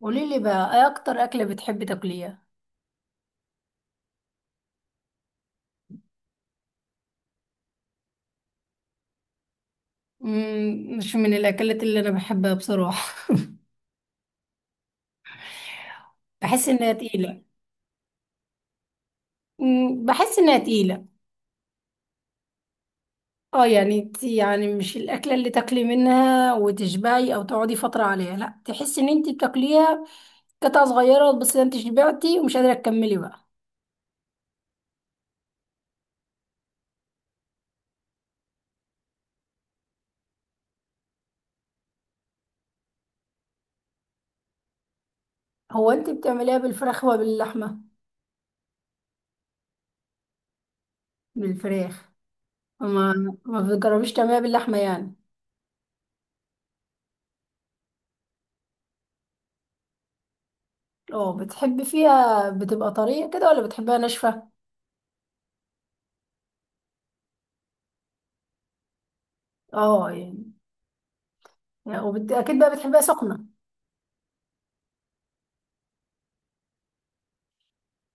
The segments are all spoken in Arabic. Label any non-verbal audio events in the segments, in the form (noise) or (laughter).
قولي لي بقى، ايه اكتر اكله بتحبي تاكليها؟ مش من الاكلات اللي انا بحبها بصراحه. بحس انها تقيله. بحس انها تقيله. اه يعني يعني مش الاكله اللي تاكلي منها وتشبعي او تقعدي فتره عليها، لا تحسي ان انت بتاكليها قطعه صغيره بس انت شبعتي ومش قادره تكملي بقى. هو انت بتعمليها بالفراخ ولا باللحمه؟ بالفراخ. ما ما بتجربيش تعمليها باللحمه يعني؟ اه، بتحبي فيها بتبقى طريه كده ولا بتحبيها ناشفه؟ اه يعني يعني اكيد بقى بتحبها سخنه.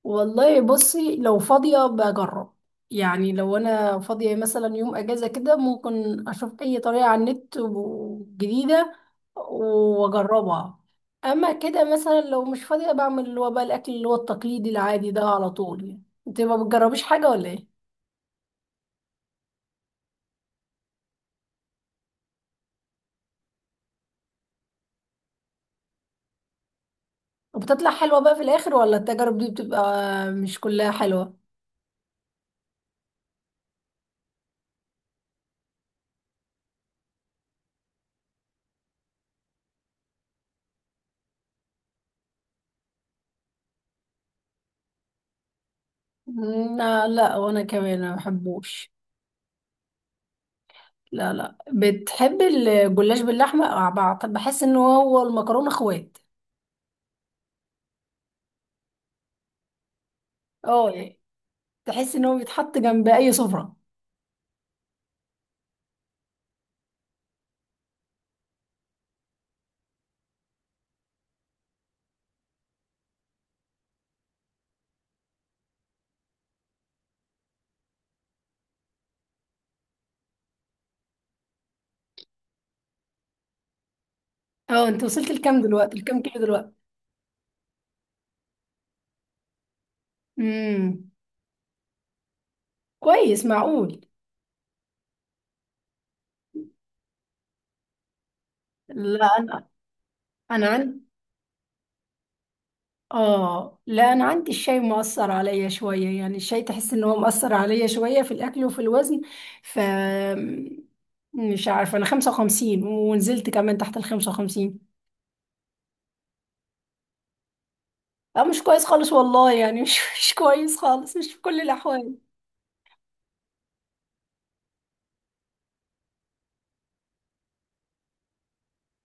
والله بصي لو فاضيه بجرب. يعني لو انا فاضيه مثلا يوم اجازه كده ممكن اشوف اي طريقه على النت جديده، واجربها. اما كده مثلا لو مش فاضيه بعمل اللي هو بقى الاكل اللي هو التقليدي العادي ده على طول. يعني انت ما بتجربيش حاجه ولا ايه؟ وبتطلع حلوه بقى في الاخر ولا التجارب دي بتبقى مش كلها حلوه؟ لا لا، وانا كمان ما بحبوش. لا لا، بتحب الجلاش باللحمة، بحس ان هو المكرونة اخوات. اه يعني. تحس ان هو بيتحط جنب اي سفرة. اه، انت وصلت لكام دلوقتي، لكام كيلو دلوقتي؟ امم، كويس، معقول. لا انا. عندي. اه لا، انا عندي الشاي مؤثر عليا شوية، يعني الشاي تحس ان هو مؤثر عليا شوية في الاكل وفي الوزن. ف مش عارفة، انا 55 ونزلت كمان تحت ال 55. اه مش كويس خالص والله، يعني مش (laughs) مش كويس خالص، مش في كل الاحوال.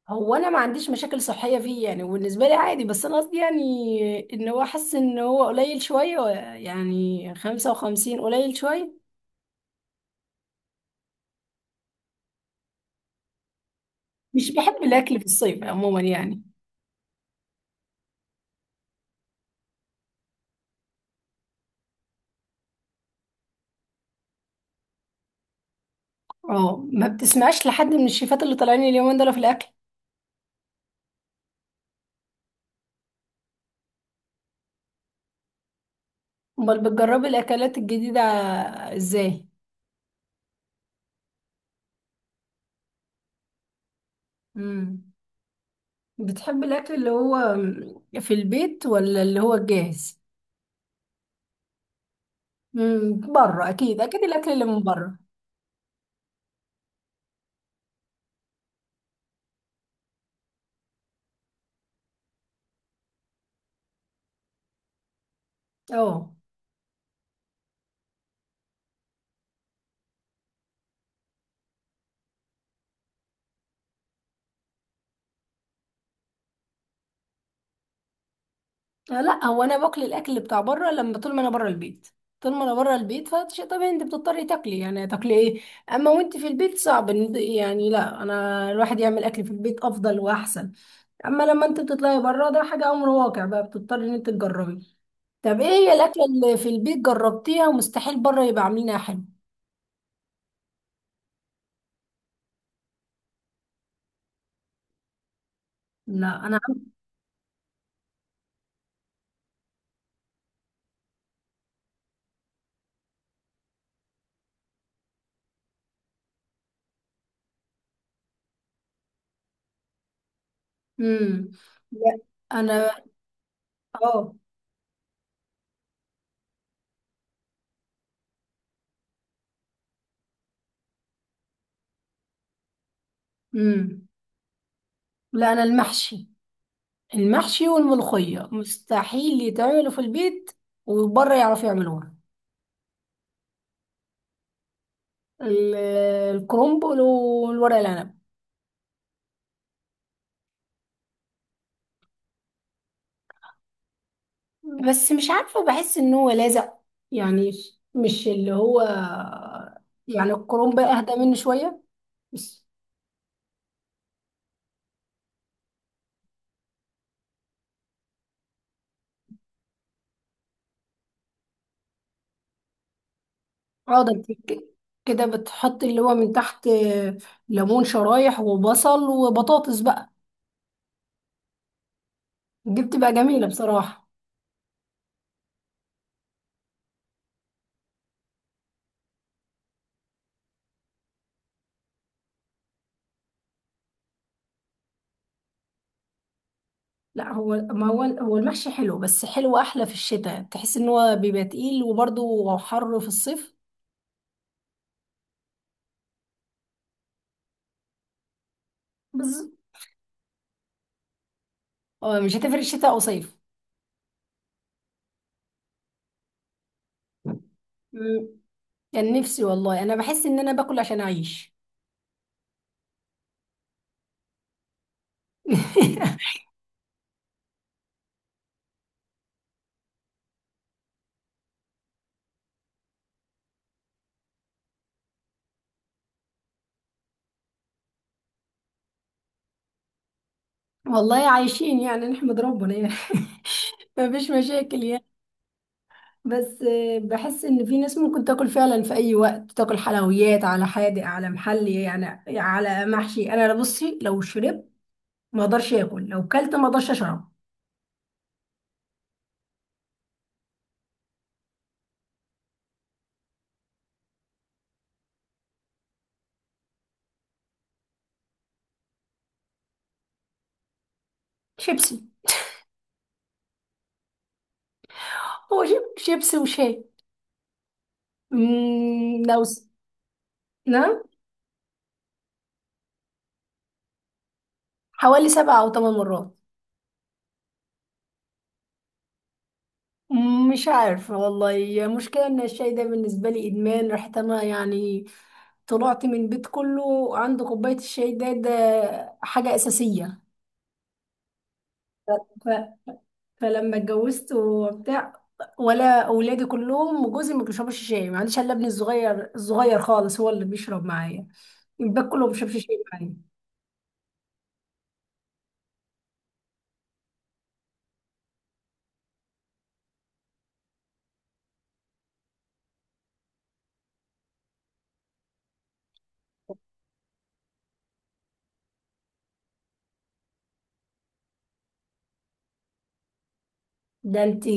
هو انا ما عنديش مشاكل صحيه فيه يعني، وبالنسبه لي عادي، بس انا قصدي يعني ان هو حاسس ان هو قليل شويه. يعني 55 قليل شويه. مش بحب الاكل في الصيف عموما يعني. اه ما بتسمعش لحد من الشيفات اللي طالعين اليومين دول في الاكل. امال بتجربي الاكلات الجديده ازاي؟ امم. بتحبي الاكل اللي هو في البيت ولا اللي هو الجاهز؟ امم، بره اكيد، اكيد الاكل اللي من بره. اه. لا هو انا باكل الاكل بتاع بره لما طول ما انا بره البيت. طول ما انا بره البيت فشيء طبيعي انت بتضطري تاكلي، يعني تاكلي ايه. اما وانت في البيت صعب يعني لا، انا الواحد يعمل اكل في البيت افضل واحسن. اما لما انت بتطلعي بره ده حاجه امر واقع بقى، بتضطري ان انت تجربي. طب ايه هي الاكله اللي في البيت جربتيها ومستحيل بره يبقى عاملينها حلو؟ لا انا عم... امم لا انا اه امم لا انا المحشي. المحشي والملوخية مستحيل يتعملوا في البيت، وبره يعرفوا يعملوها. ال- الكرنب والورق العنب. بس مش عارفة، بحس ان هو لازق يعني. مش اللي هو يعني. الكرنب اهدى منه شوية. بس اقعد أمسك كده بتحط اللي هو من تحت ليمون شرايح وبصل وبطاطس بقى. دي بتبقى جميلة بصراحة. لا هو، ما هو هو المحشي حلو، بس حلو احلى في الشتاء. تحس ان هو بيبقى تقيل، وبرضه حر في الصيف. بس مش هتفرق شتاء او صيف. مم. كان نفسي والله، انا بحس ان انا باكل عشان اعيش. (laughs) والله عايشين يعني، نحمد ربنا يعني. (laughs) مفيش مشاكل يعني. بس بحس ان في ناس ممكن تاكل فعلا في اي وقت، تاكل حلويات على حادق على محلي يعني، على محشي. انا بصي لو شربت ما اقدرش اكل، لو كلت ما اقدرش اشرب. شيبسي. هو جيب شيبسي وشاي. مم، لو س... نعم. حوالي سبع أو ثمان مرات. مش عارفة والله، هي مشكلة إن الشاي ده بالنسبة لي إدمان. رحت أنا يعني، طلعت من بيت كله عنده كوباية الشاي. ده حاجة أساسية. ف... فلما اتجوزت وبتاع، ولا أولادي كلهم وجوزي ما بيشربوش شاي. ما عنديش إلا ابني الصغير، الصغير خالص هو اللي بيشرب معايا. الباقي كله ما بيشربش شاي معايا. ده انتي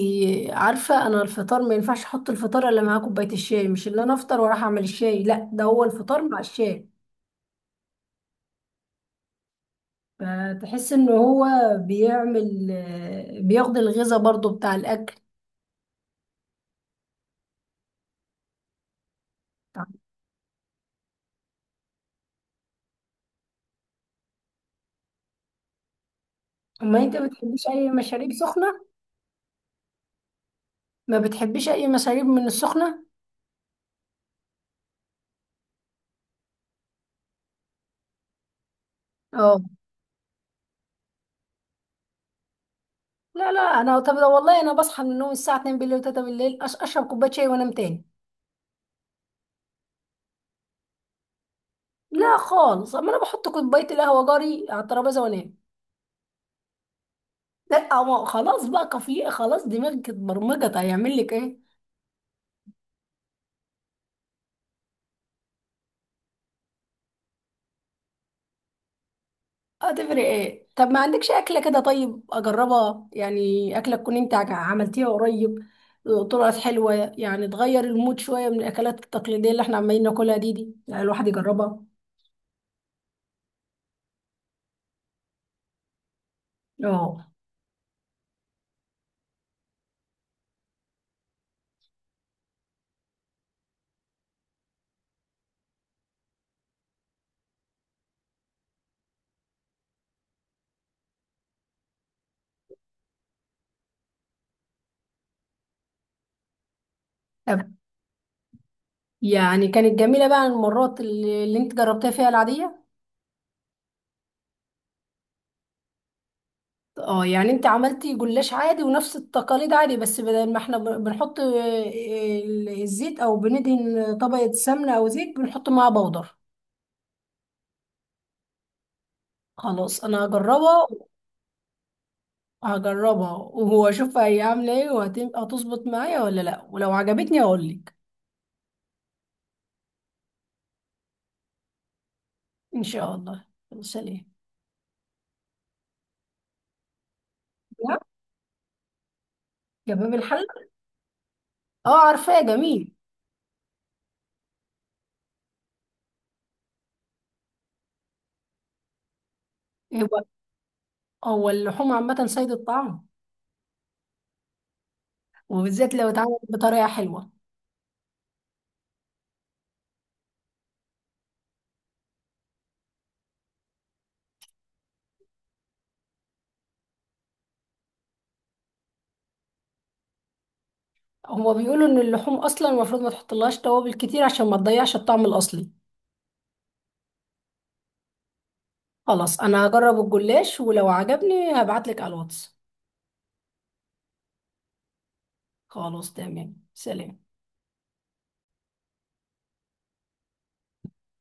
عارفة، انا الفطار ما ينفعش احط الفطار الا معاه كوباية الشاي. مش اللي انا افطر واروح اعمل الشاي، لا ده هو الفطار مع الشاي. فتحس ان هو بيعمل بياخد الغذاء برضو بتاع الاكل. طب ما انت بتحبيش اي مشاريب سخنة؟ ما بتحبيش اي مشاريب من السخنة؟ اه لا لا انا. طب ده والله انا بصحى من النوم الساعة 2 بالليل و3 بالليل، اشرب كوباية شاي وانام تاني. لا خالص. اما انا بحط كوباية القهوة جاري على الترابيزة وانام. لا، هو خلاص بقى، كفي خلاص، دماغك اتبرمجت، هيعمل لك ايه؟ هتفرق ايه؟ طب ما عندكش اكله كده طيب اجربها؟ يعني اكله تكون انت عملتيها قريب، طلعت حلوه. يعني تغير المود شويه من الاكلات التقليديه اللي احنا عمالين ناكلها دي، يعني الواحد يجربها. اه. طب يعني كانت جميله بقى المرات اللي انت جربتها فيها العاديه؟ اه يعني انت عملتي جلاش عادي ونفس التقاليد عادي، بس بدل ما احنا بنحط الزيت، او بندهن طبقة سمنة او زيت، بنحط معاها بودر. خلاص، انا هجربها. هجربها وهو اشوفها هي عاملة ايه، وهتظبط معايا ولا لا، ولو عجبتني هقول لك. ان شاء الله. يلا، سلام. لا، كباب الحلة. اه عارفاه، جميل. هو اللحوم عامة سيد الطعام، وبالذات لو اتعملت بطريقة حلوة. هما بيقولوا ان اللحوم اصلا المفروض ما تحطلهاش توابل كتير عشان ما تضيعش الطعم الاصلي. خلاص انا هجرب الجلاش، ولو عجبني هبعتلك على الواتس. خلاص تمام، سلام.